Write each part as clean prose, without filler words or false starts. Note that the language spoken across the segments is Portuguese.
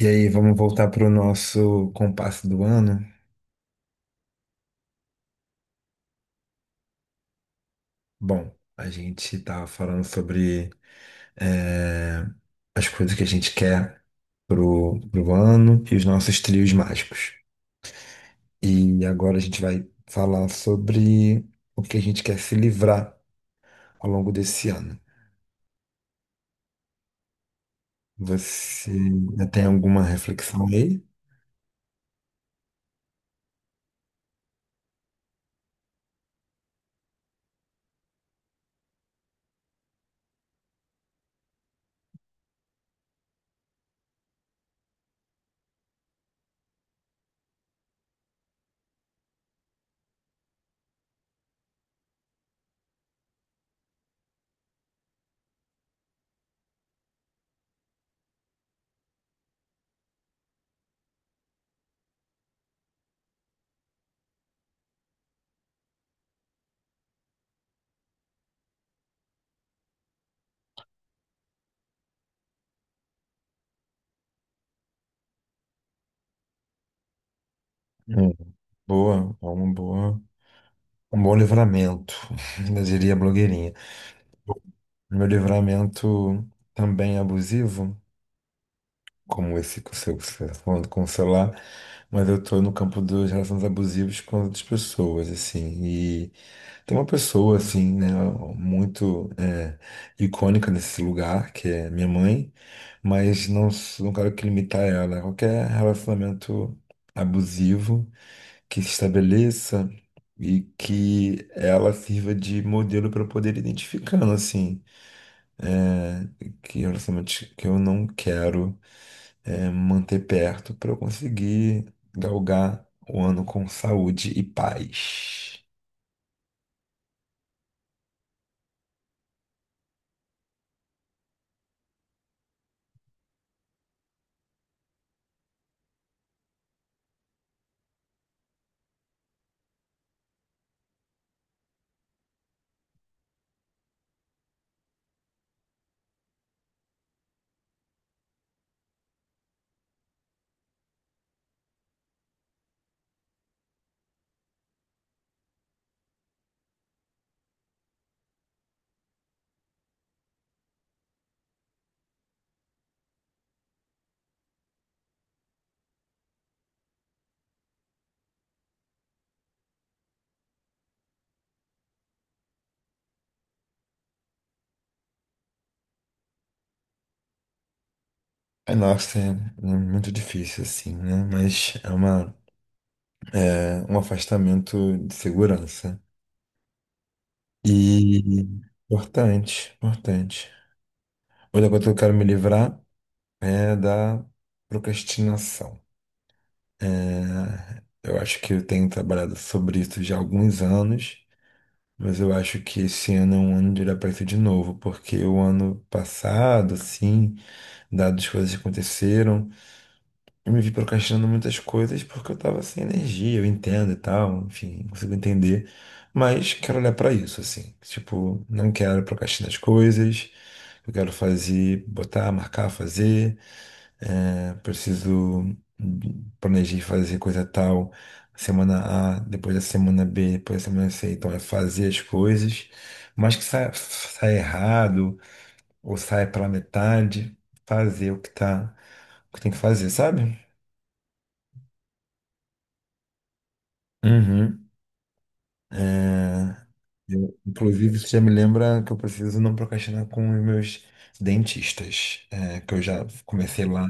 E aí, vamos voltar para o nosso compasso do ano? Bom, a gente estava falando sobre eh, as coisas que a gente quer pro ano e os nossos trios mágicos. E agora a gente vai falar sobre o que a gente quer se livrar ao longo desse ano. Você ainda tem alguma reflexão aí? Hum, boa, é uma boa, um bom livramento, eu diria a blogueirinha. Meu livramento também abusivo, como esse que você está falando com o celular, mas eu estou no campo das relações abusivas com outras pessoas, assim. E tem uma pessoa, assim, né, muito icônica nesse lugar, que é minha mãe, mas não, não quero que limitar ela. Qualquer relacionamento abusivo que se estabeleça e que ela sirva de modelo para eu poder ir identificando, assim, que relacionamentos que eu não quero, manter perto para eu conseguir galgar o ano com saúde e paz. É, nossa, é muito difícil assim, né? Mas é uma, é um afastamento de segurança. E importante, importante. Outra coisa que eu quero me livrar é da procrastinação. É, eu acho que eu tenho trabalhado sobre isso já há alguns anos. Mas eu acho que esse ano é um ano de olhar para isso de novo, porque o ano passado, assim, dadas as coisas que aconteceram, eu me vi procrastinando muitas coisas porque eu tava sem energia, eu entendo e tal, enfim, consigo entender. Mas quero olhar para isso, assim. Tipo, não quero procrastinar as coisas, eu quero fazer, botar, marcar, fazer, preciso, planejei fazer coisa tal, semana A, depois da semana B, depois da semana C. Então é fazer as coisas, mas que sai errado ou sai pela metade, fazer o que tá, o que tem que fazer, sabe? Uhum. Eu, inclusive, isso já me lembra que eu preciso não procrastinar com os meus dentistas, é, que eu já comecei lá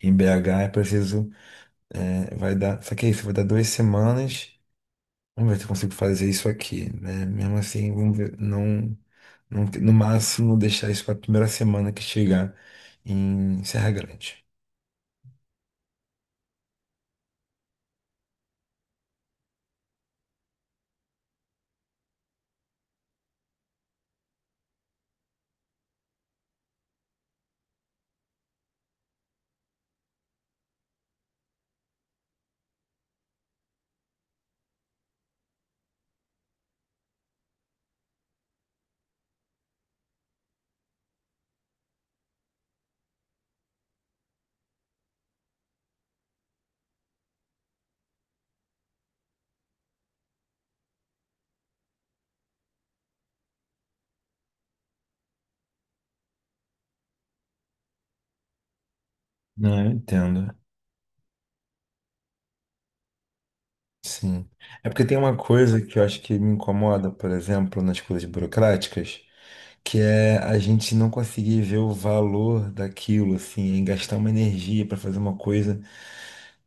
em BH. Eu preciso, é, vai dar, só que é isso, vai dar duas semanas. Vamos ver se eu consigo fazer isso aqui, né? Mesmo assim, vamos ver. Não, não, no máximo deixar isso para a primeira semana que chegar em Serra Grande. Não, eu entendo. Sim. É porque tem uma coisa que eu acho que me incomoda, por exemplo, nas coisas burocráticas, que é a gente não conseguir ver o valor daquilo, assim, em gastar uma energia para fazer uma coisa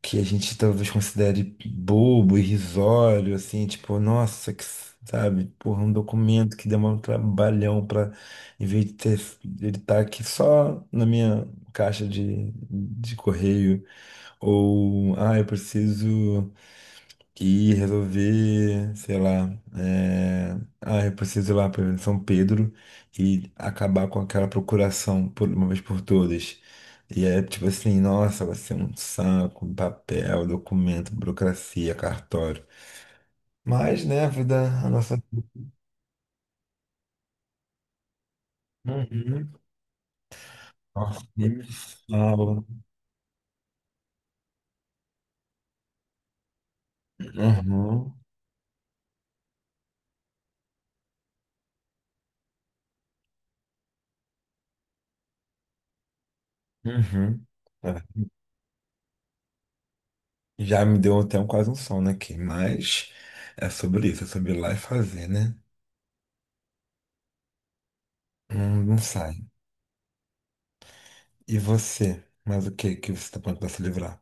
que a gente talvez considere bobo, irrisório, assim, tipo, nossa, que, sabe, porra, um documento que demora um trabalhão pra, em vez de ter, ele tá aqui só na minha caixa de correio, ou, ah, eu preciso. E resolver, sei lá, é... ah, eu preciso ir lá para São Pedro e acabar com aquela procuração por uma vez por todas. E é tipo assim, nossa, vai ser um saco, um papel, documento, burocracia, cartório. Mas, né, a vida, a nossa. Uhum. Nossa, nem me fala. Uhum. Uhum. É. Já me deu até um, quase um sono aqui, mas é sobre isso, é sobre ir lá e fazer, né? Não, não sai. E você? Mas o que que você tá pronto pra se livrar?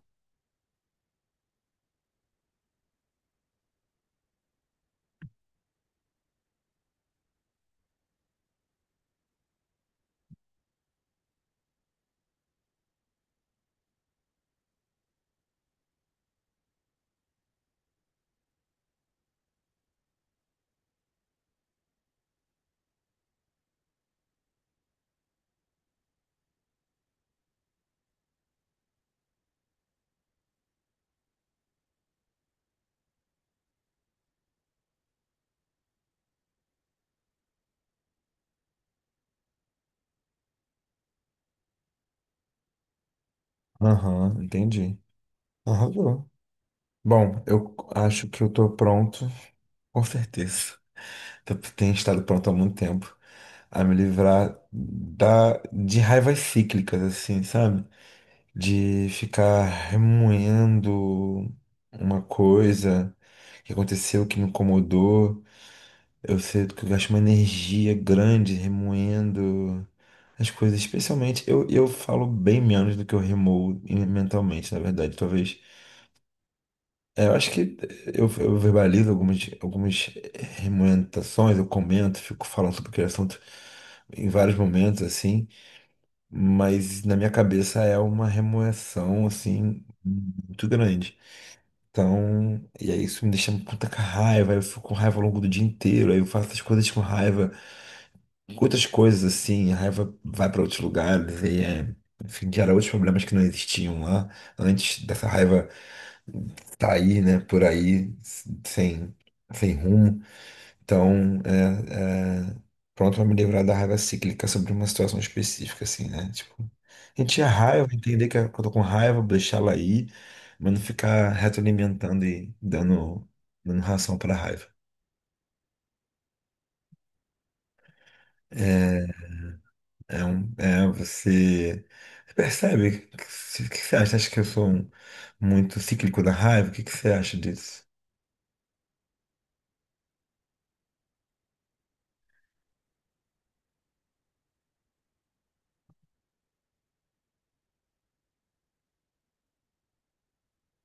Aham, entendi. Arrasou. Bom, eu acho que eu tô pronto, com certeza. Eu tenho estado pronto há muito tempo a me livrar da, de raivas cíclicas, assim, sabe? De ficar remoendo uma coisa que aconteceu, que me incomodou. Eu sinto que eu gasto uma energia grande remoendo as coisas, especialmente eu falo bem menos do que eu remoo mentalmente, na verdade. Talvez. Eu acho que eu verbalizo algumas remoentações, eu comento, fico falando sobre aquele assunto em vários momentos, assim, mas na minha cabeça é uma remoção, assim, muito grande. Então, e aí isso me deixa com tanta raiva, eu fico com raiva ao longo do dia inteiro, aí eu faço as coisas com raiva. Outras coisas assim, a raiva vai para outros lugares e é, enfim, gera outros problemas que não existiam lá antes dessa raiva sair, né, por aí sem sem rumo. Então, pronto para me livrar da raiva cíclica sobre uma situação específica assim, né? Tipo, a gente é raiva, entender que eu tô com raiva, deixar ela aí, mas não ficar retroalimentando e dando ração para raiva. É. É um, é, você percebe? O que, você, o que você acha? Acha que eu sou um- muito cíclico da raiva? O que, que você acha disso?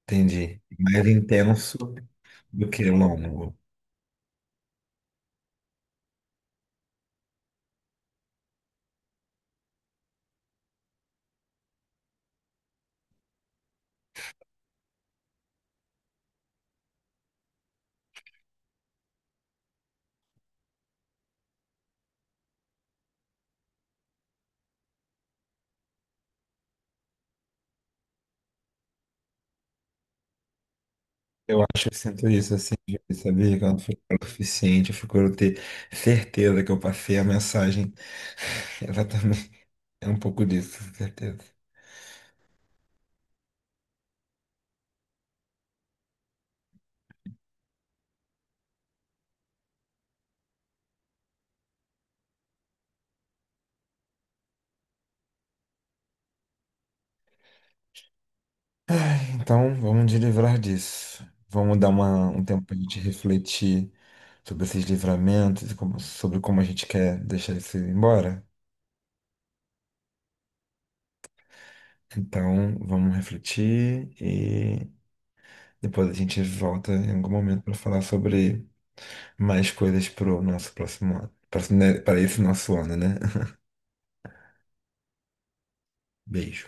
Entendi. Mais intenso do que longo. Eu acho que eu sinto isso, assim, de saber que eu não fui claro o suficiente, eu procuro ter certeza que eu passei a mensagem. Exatamente. É um pouco disso, com certeza. Então, vamos nos livrar disso. Vamos dar uma, um tempo para a gente refletir sobre esses livramentos e como- sobre como a gente quer deixar isso ir embora. Então, vamos refletir e depois a gente volta em algum momento para falar sobre mais coisas para o nosso próximo ano. Para esse nosso ano, né? Beijo.